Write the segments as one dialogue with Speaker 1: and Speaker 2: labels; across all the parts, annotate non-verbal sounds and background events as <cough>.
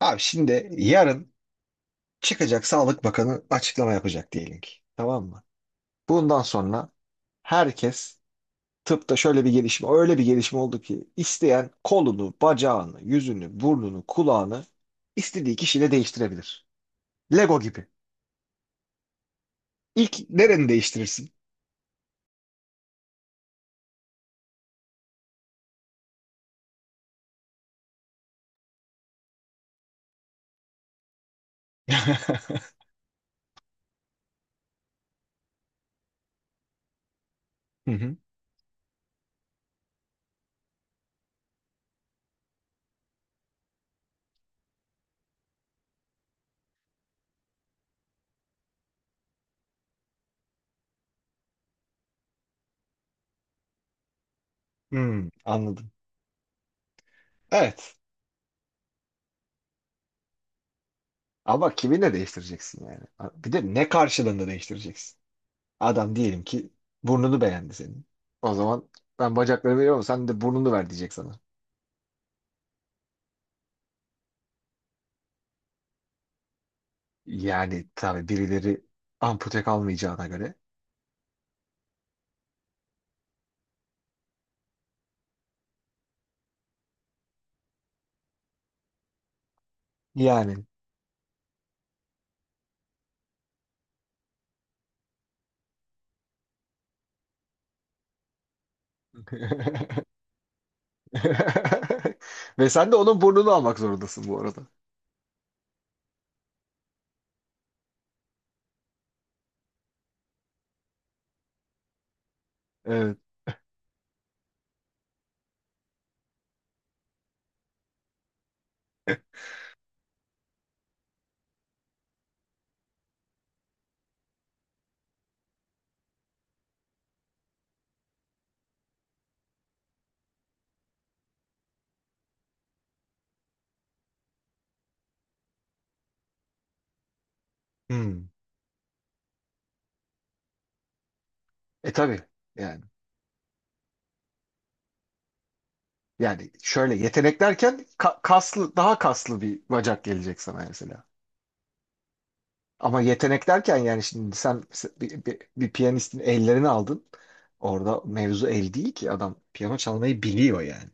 Speaker 1: Abi şimdi yarın çıkacak Sağlık Bakanı açıklama yapacak diyelim ki. Tamam mı? Bundan sonra herkes tıpta şöyle bir gelişme, öyle bir gelişme oldu ki isteyen kolunu, bacağını, yüzünü, burnunu, kulağını istediği kişiyle değiştirebilir. Lego gibi. İlk nereni değiştirirsin? <laughs> Hı hı. Hmm, anladım. Evet. Ama kiminle değiştireceksin yani? Bir de ne karşılığında değiştireceksin? Adam diyelim ki burnunu beğendi senin. O zaman ben bacakları veriyorum sen de burnunu ver diyecek sana. Yani tabii birileri ampute kalmayacağına göre. Yani. <laughs> Ve sen de onun burnunu almak zorundasın bu arada. Evet. Hmm. E tabii yani. Yani şöyle yetenek derken kaslı daha kaslı bir bacak gelecek sana mesela. Ama yetenek derken yani şimdi sen bir piyanistin ellerini aldın. Orada mevzu el değil ki adam piyano çalmayı biliyor yani.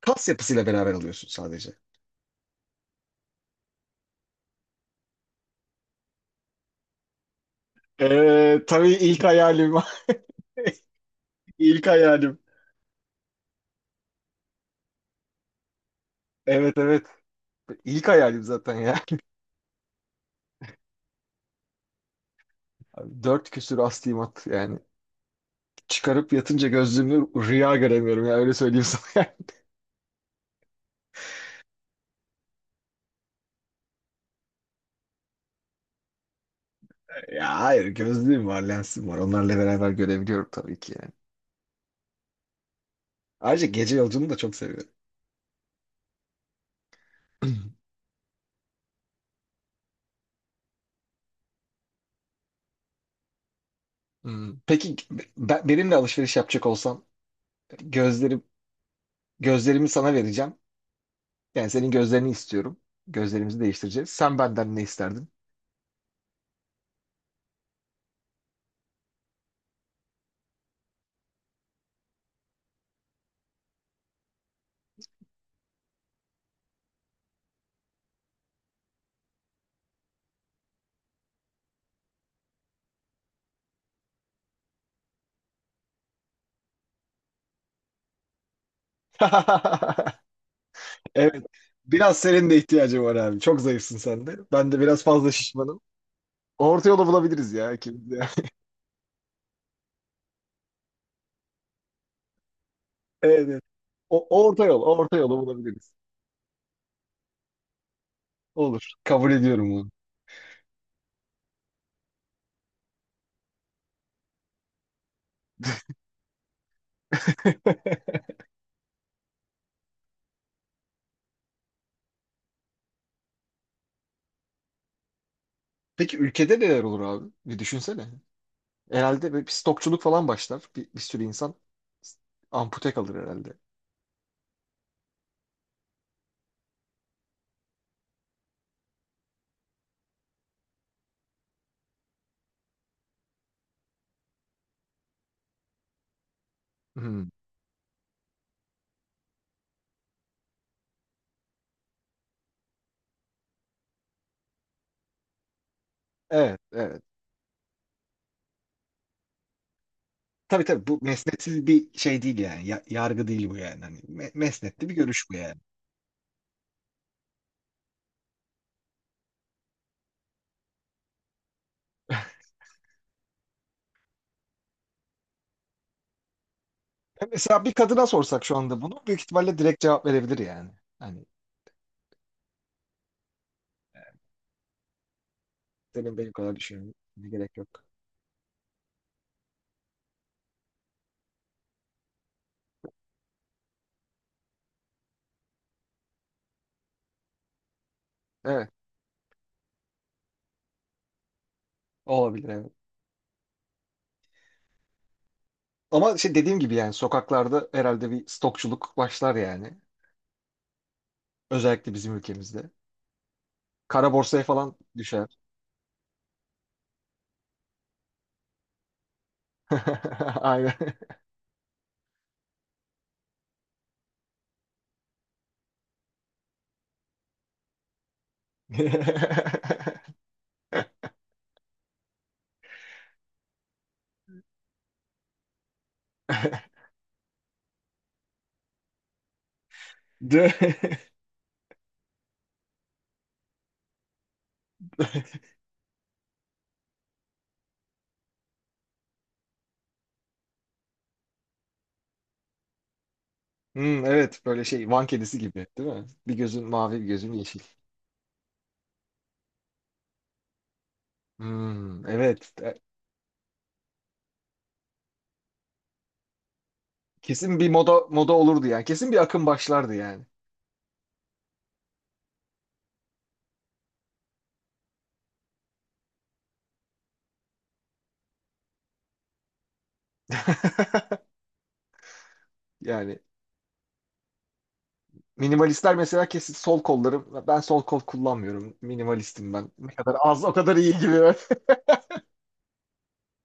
Speaker 1: Kas yapısıyla beraber alıyorsun sadece. Tabii ilk hayalim. <laughs> İlk hayalim. Evet, evet. İlk hayalim zaten ya. <laughs> Abi, dört küsür astigmat yani. Çıkarıp yatınca gözlüğümü rüya göremiyorum ya, öyle söyleyeyim sana. <laughs> Ya hayır, gözlüğüm var lensim var, onlarla beraber görebiliyorum tabii ki yani. Ayrıca gece yolculuğunu da çok seviyorum. Hmm. Peki benimle alışveriş yapacak olsan gözlerim gözlerimi sana vereceğim. Yani senin gözlerini istiyorum. Gözlerimizi değiştireceğiz. Sen benden ne isterdin? <laughs> Evet. Biraz senin de ihtiyacın var abi. Çok zayıfsın sen de. Ben de biraz fazla şişmanım. Orta yolu bulabiliriz ya ikimiz de. <laughs> Evet, evet. Orta yolu bulabiliriz. Olur. Kabul ediyorum bunu. <laughs> Peki ülkede neler olur abi? Bir düşünsene. Herhalde böyle bir stokçuluk falan başlar. Bir sürü insan ampute kalır herhalde. Hmm, evet, evet. Tabii tabii, bu mesnetsiz bir şey değil yani. Yargı değil bu yani. Hani mesnetli bir görüş bu yani. Ya mesela bir kadına sorsak şu anda bunu büyük ihtimalle direkt cevap verebilir yani. Hani senin benim kadar düşünmene gerek yok. Evet, olabilir evet. Ama şey, dediğim gibi yani sokaklarda herhalde bir stokçuluk başlar yani. Özellikle bizim ülkemizde. Kara borsaya falan düşer. <laughs> Aynen. <laughs> De- <laughs> Hmm, evet böyle şey, Van kedisi gibi değil mi? Bir gözün mavi bir gözün yeşil. Hmm, evet. E, kesin bir moda olurdu yani. Kesin bir akım başlardı yani. <laughs> Yani minimalistler mesela kesin sol kollarım. Ben sol kol kullanmıyorum. Minimalistim ben. Ne kadar az o kadar iyi gibi. <laughs>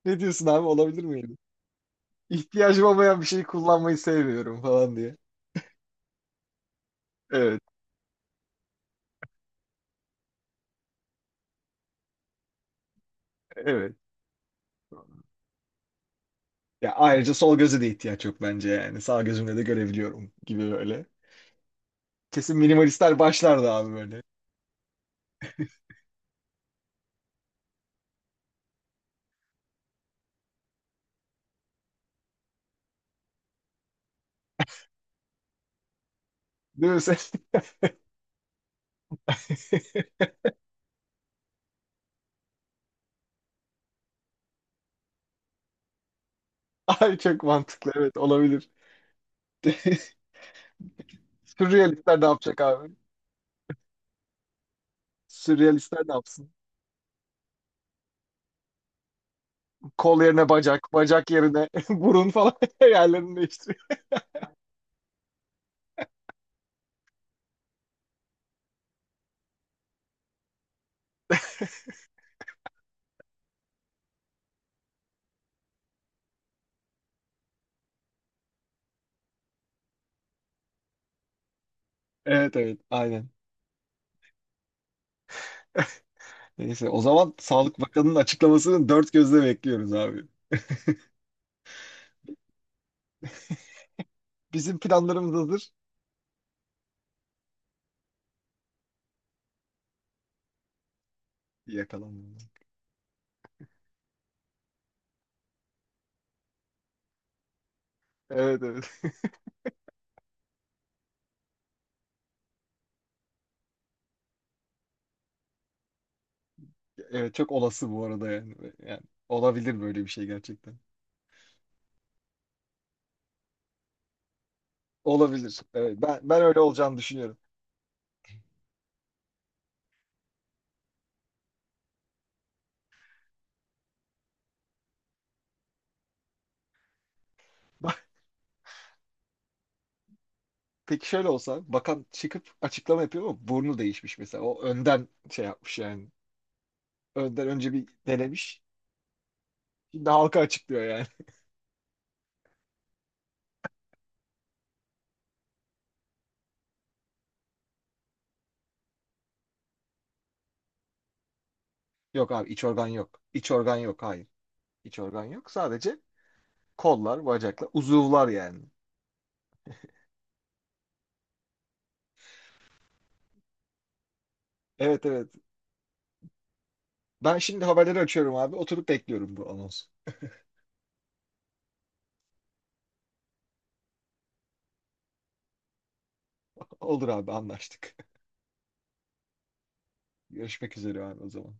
Speaker 1: Ne diyorsun abi, olabilir miydi? İhtiyacım olmayan bir şeyi kullanmayı sevmiyorum falan diye. Evet, evet. Ya ayrıca sol göze de ihtiyaç yok bence yani. Sağ gözümle de görebiliyorum gibi böyle. Kesin minimalistler başlardı abi böyle. Değil mi sen? <laughs> Ay çok mantıklı, evet olabilir. <laughs> Sürrealistler ne yapacak abi? Sürrealistler ne yapsın? Kol yerine bacak, bacak yerine <laughs> burun falan <laughs> yerlerini değiştiriyor. Evet evet aynen. Neyse o zaman Sağlık Bakanı'nın açıklamasını dört gözle bekliyoruz abi. Bizim planlarımız hazır. Yakalanmadı. Evet, evet. Evet, çok olası bu arada yani. Yani olabilir böyle bir şey gerçekten. Olabilir. Evet, ben ben öyle olacağını düşünüyorum. <laughs> Peki şöyle olsa, bakan çıkıp açıklama yapıyor ama burnu değişmiş mesela. O önden şey yapmış yani. Önce bir denemiş. Şimdi halka açıklıyor yani. <laughs> Yok abi, iç organ yok. İç organ yok. Hayır. İç organ yok. Sadece kollar, bacaklar, uzuvlar yani. Evet, evet. Ben şimdi haberleri açıyorum abi. Oturup bekliyorum bu anonsu. Olur abi, anlaştık. <laughs> Görüşmek üzere abi o zaman.